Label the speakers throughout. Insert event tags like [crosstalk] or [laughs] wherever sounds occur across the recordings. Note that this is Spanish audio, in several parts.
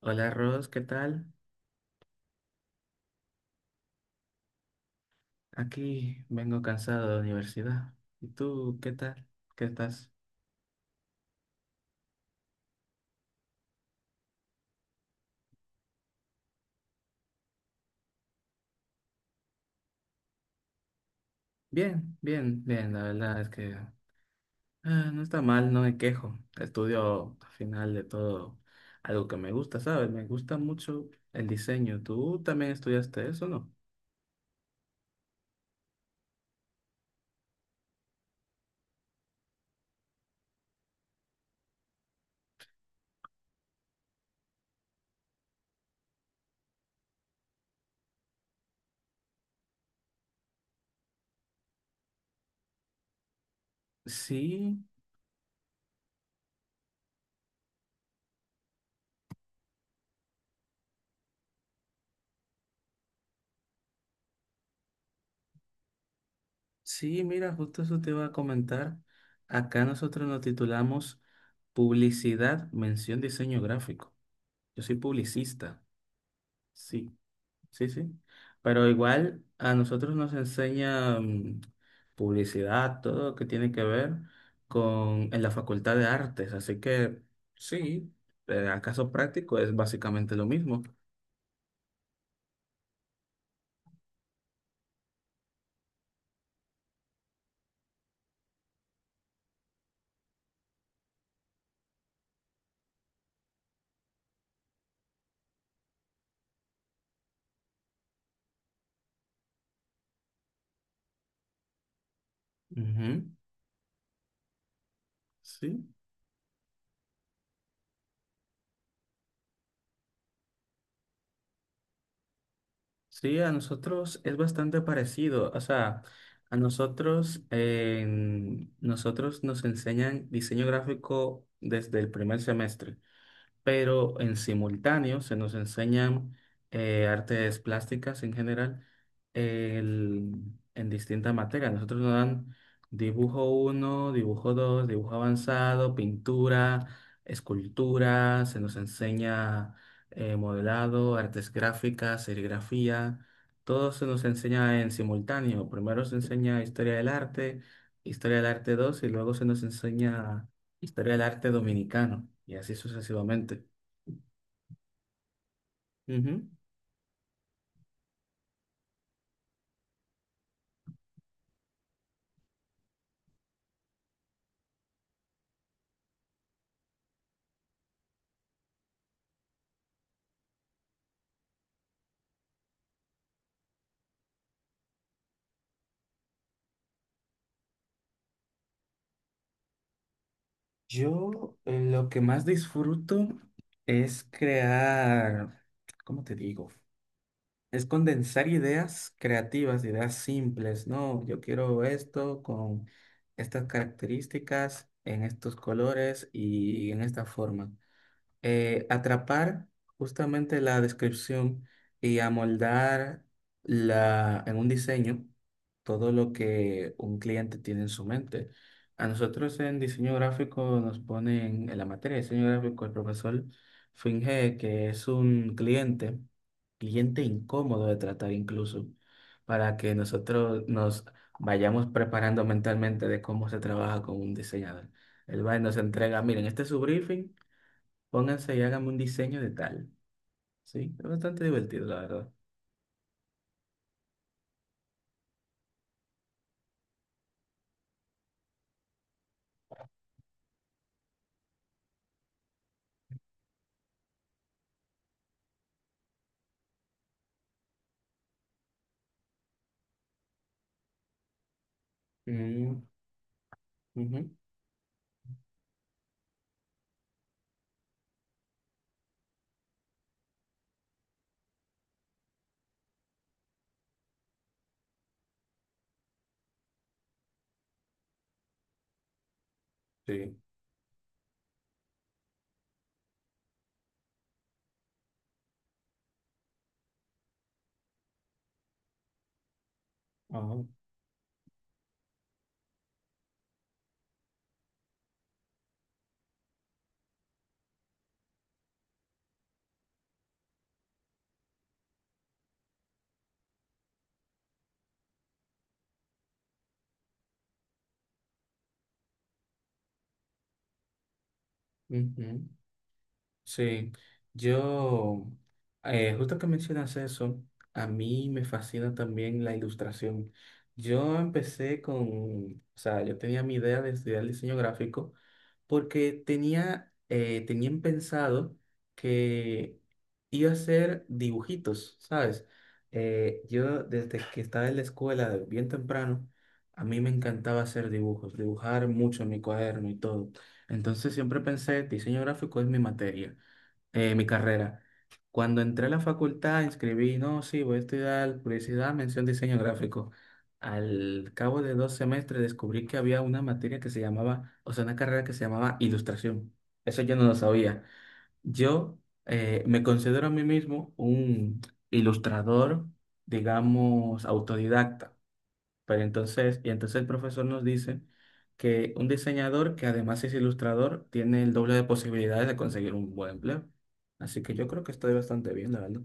Speaker 1: Hola Ros, ¿qué tal? Aquí vengo cansado de la universidad. ¿Y tú qué tal? ¿Qué estás? Bien, bien, bien. La verdad es que no está mal, no me quejo. Estudio al final de todo algo que me gusta, ¿sabes? Me gusta mucho el diseño. ¿Tú también estudiaste eso, no? Sí, sí, mira, justo eso te iba a comentar. Acá nosotros nos titulamos publicidad, mención, diseño gráfico. Yo soy publicista. Sí. Sí, sí. Pero igual a nosotros nos enseña publicidad, todo lo que tiene que ver con en la Facultad de Artes. Así que sí, a caso práctico es básicamente lo mismo. Ujú. Sí, sí, a nosotros es bastante parecido. O sea, a nosotros, nosotros nos enseñan diseño gráfico desde el primer semestre. Pero en simultáneo se nos enseñan artes plásticas en general, el- en distintas materias. Nosotros nos dan dibujo uno, dibujo dos, dibujo avanzado, pintura, escultura. Se nos enseña modelado, artes gráficas, serigrafía. Todo se nos enseña en simultáneo. Primero se enseña historia del arte 2 y luego se nos enseña historia del arte dominicano y así sucesivamente. Ujú. Yo, lo que más disfruto es crear. ¿Cómo te digo? Es condensar ideas creativas, ideas simples, ¿no? Yo quiero esto con estas características, en estos colores y en esta forma. Atrapar justamente la descripción y amoldar la, en un diseño, todo lo que un cliente tiene en su mente. A nosotros en diseño gráfico nos ponen, en la materia de diseño gráfico, el profesor finge que es un cliente, cliente incómodo de tratar incluso, para que nosotros nos vayamos preparando mentalmente de cómo se trabaja con un diseñador. Él va y nos entrega, miren, este es su briefing. Pónganse y háganme un diseño de tal. Sí, es bastante divertido, la verdad. Mm, ujú, sí. Ah, ujú. Sí, yo, justo que mencionas eso, a mí me fascina también la ilustración. Yo empecé con, o sea, yo tenía mi idea de estudiar diseño gráfico porque tenía, tenían pensado que iba a hacer dibujitos, ¿sabes? Yo desde que estaba en la escuela, de bien temprano, a mí me encantaba hacer dibujos, dibujar mucho en mi cuaderno y todo. Entonces siempre pensé, diseño gráfico es mi materia, mi carrera. Cuando entré a la facultad, inscribí, no, sí, voy a estudiar publicidad, mención, diseño gráfico. Al cabo de 2 semestres descubrí que había una materia que se llamaba, o sea, una carrera que se llamaba ilustración. Eso yo no lo sabía. Yo, me considero a mí mismo un ilustrador, digamos, autodidacta. Pero entonces, y entonces el profesor nos dice que un diseñador que además es ilustrador tiene el doble de posibilidades de conseguir un buen empleo. Así que yo creo que estoy bastante bien, la verdad.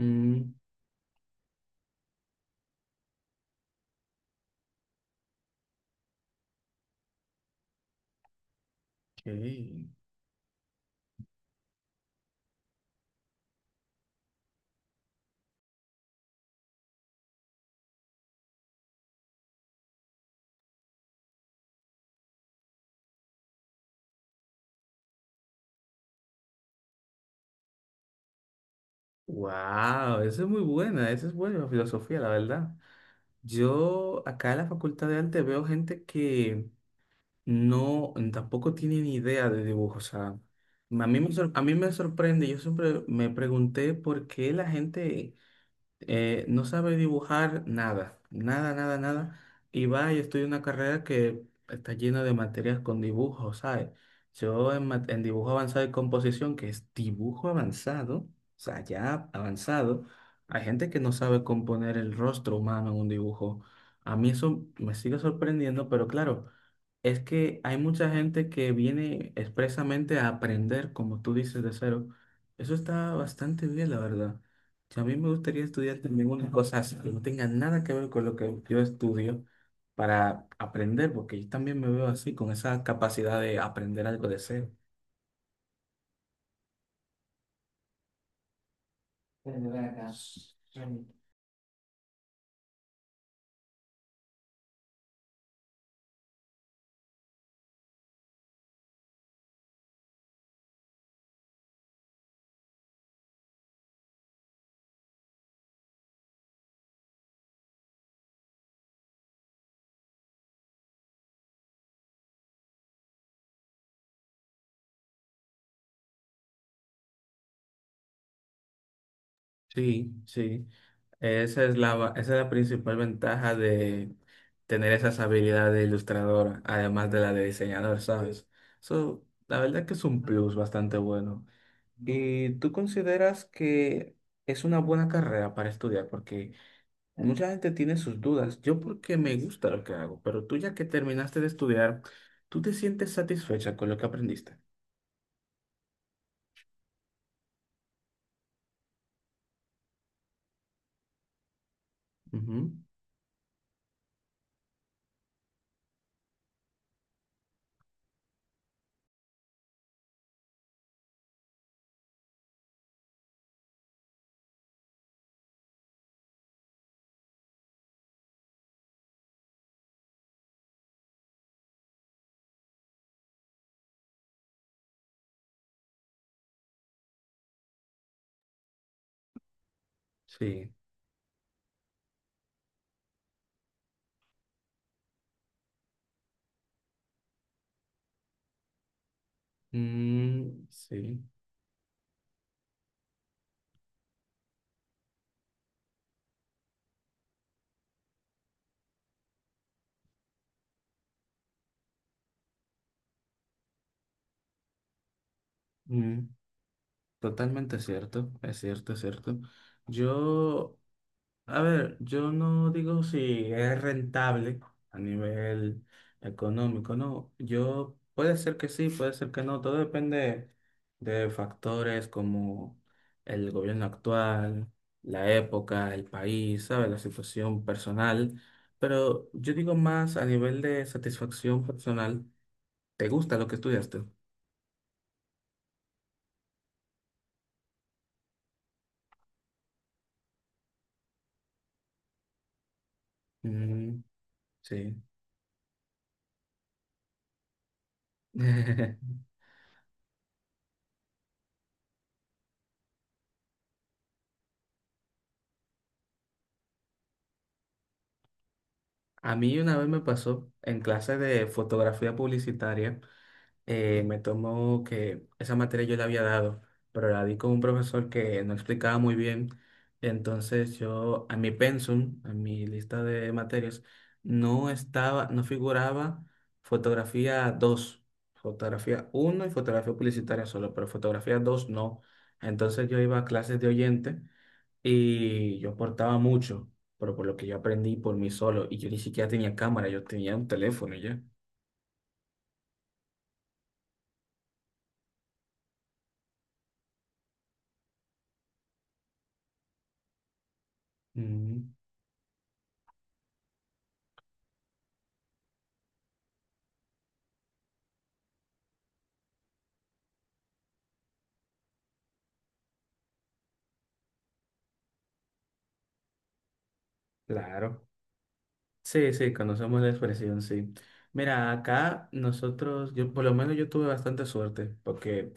Speaker 1: Mm, ok. Wow, esa es muy buena, esa es buena filosofía, la verdad. Yo acá en la Facultad de Arte veo gente que no, tampoco tiene ni idea de dibujo. O sea, a mí me, a mí me sorprende. Yo siempre me pregunté por qué la gente, no sabe dibujar nada, nada, nada, nada, y va y estudia una carrera que está llena de materias con dibujos, ¿sabes? Yo en, en dibujo avanzado y composición, que es dibujo avanzado, o sea, ya avanzado, hay gente que no sabe componer el rostro humano en un dibujo. A mí eso me sigue sorprendiendo, pero claro, es que hay mucha gente que viene expresamente a aprender, como tú dices, de cero. Eso está bastante bien, la verdad. A mí me gustaría estudiar también unas cosas que no tengan nada que ver con lo que yo estudio para aprender, porque yo también me veo así, con esa capacidad de aprender algo de cero. Aprender acá. Sí, sí. Esa es la, esa es la principal ventaja de tener esas habilidades de ilustrador, además de la de diseñador, ¿sabes? Eso, la verdad que es un plus bastante bueno. ¿Y tú consideras que es una buena carrera para estudiar? Porque mucha gente tiene sus dudas. Yo porque me gusta lo que hago, pero tú ya que terminaste de estudiar, ¿tú te sientes satisfecha con lo que aprendiste? Ujú. Sí. Mm, sí. Mm, totalmente cierto. Es cierto, es cierto. Yo A ver, yo no digo si es rentable a nivel económico, no. Yo puede ser que sí, puede ser que no. Todo depende de factores como el gobierno actual, la época, el país, ¿sabes? La situación personal. Pero yo digo más a nivel de satisfacción personal. ¿Te gusta lo que estudiaste? Mm, sí. [laughs] A mí una vez me pasó en clase de fotografía publicitaria. Me tomó que esa materia yo la había dado, pero la di con un profesor que no explicaba muy bien. Entonces yo, a mi pensum, a mi lista de materias, no estaba, no figuraba fotografía 2, fotografía uno y fotografía publicitaria solo, pero fotografía 2 no. Entonces yo iba a clases de oyente y yo aportaba mucho, pero por lo que yo aprendí por mí solo, y yo ni siquiera tenía cámara, yo tenía un teléfono ya. Mm, claro. Sí, sí, conocemos la expresión, sí. Mira, acá nosotros, yo por lo menos yo tuve bastante suerte, porque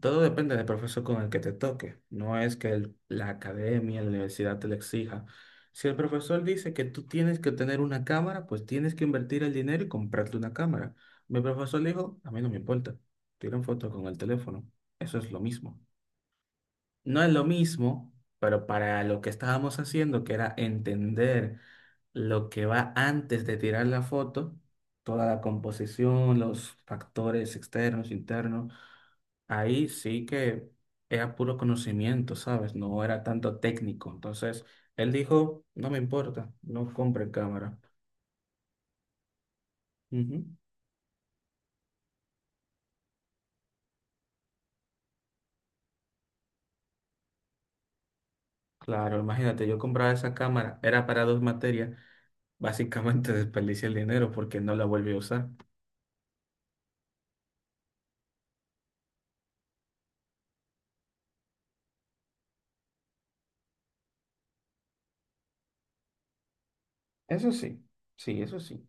Speaker 1: todo depende del profesor con el que te toque. No es que la academia, la universidad te lo exija. Si el profesor dice que tú tienes que tener una cámara, pues tienes que invertir el dinero y comprarte una cámara. Mi profesor dijo, a mí no me importa, tiran fotos con el teléfono. Eso es lo mismo. No es lo mismo, pero para lo que estábamos haciendo, que era entender lo que va antes de tirar la foto, toda la composición, los factores externos, internos, ahí sí que era puro conocimiento, ¿sabes? No era tanto técnico. Entonces, él dijo, no me importa, no compre cámara. Ujú. Claro, imagínate, yo compraba esa cámara, era para dos materias, básicamente [laughs] desperdicié el dinero porque no la volví a usar. Eso sí, sí, eso sí.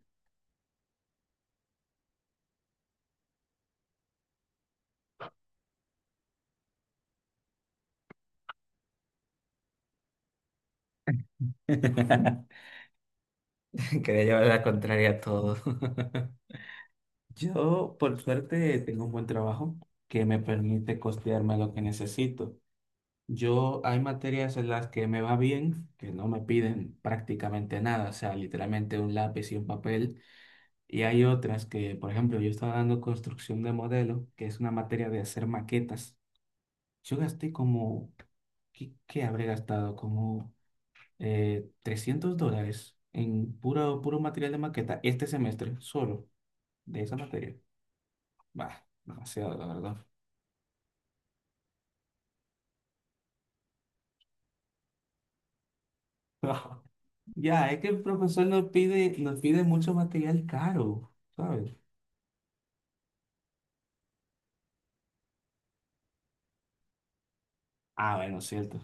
Speaker 1: [laughs] Quería llevar la contraria a todo. [laughs] Yo, por suerte, tengo un buen trabajo que me permite costearme lo que necesito. Yo, hay materias en las que me va bien, que no me piden prácticamente nada, o sea, literalmente un lápiz y un papel. Y hay otras que, por ejemplo, yo estaba dando construcción de modelo, que es una materia de hacer maquetas. Yo gasté como, ¿qué, qué habré gastado? Como $300 en puro, puro material de maqueta este semestre, solo de esa materia. Bah, demasiado, la verdad. [laughs] Ya, es que el profesor nos pide mucho material caro, ¿sabes? Ah, bueno, cierto.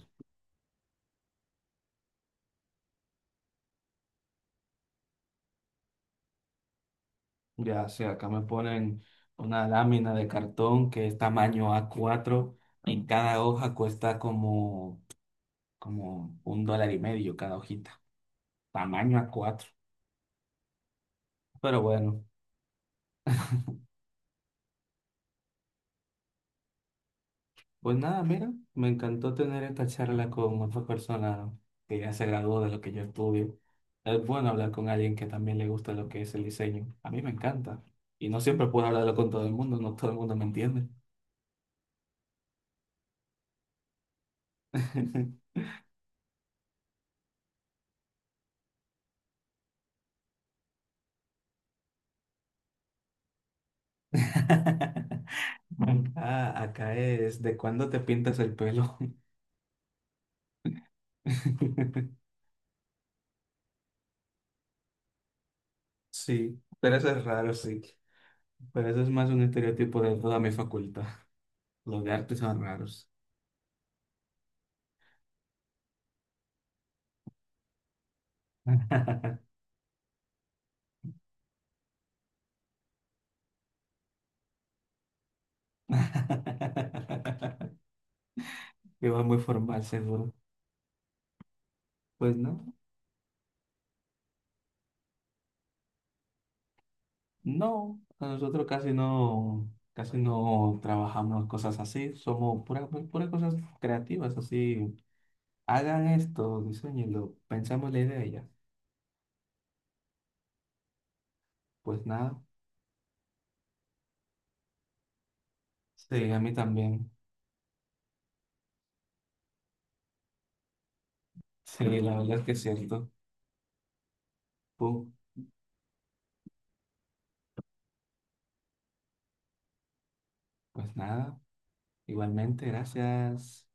Speaker 1: Ya, sí, acá me ponen una lámina de cartón que es tamaño A4, en cada hoja cuesta como, como un dólar y medio cada hojita. Tamaño A4. Pero bueno. Pues nada, mira, me encantó tener esta charla con otra persona que ya se graduó de lo que yo estudio. Es bueno hablar con alguien que también le gusta lo que es el diseño. A mí me encanta. Y no siempre puedo hablarlo con todo el mundo, no todo el mundo me entiende. [laughs] Ah, acá es, ¿de cuándo te pintas el pelo? [laughs] Sí, pero eso es raro, sí. Pero eso es más un estereotipo de toda mi facultad. Los de arte son raros. [laughs] Que va muy formal, seguro. Pues no, no, nosotros casi no trabajamos cosas así, somos puras, puras cosas creativas, así, hagan esto, diseñenlo, pensamos la idea y ya. Pues nada, sí, a mí también, sí, la verdad es que es cierto. Pu- Pues nada, igualmente, gracias.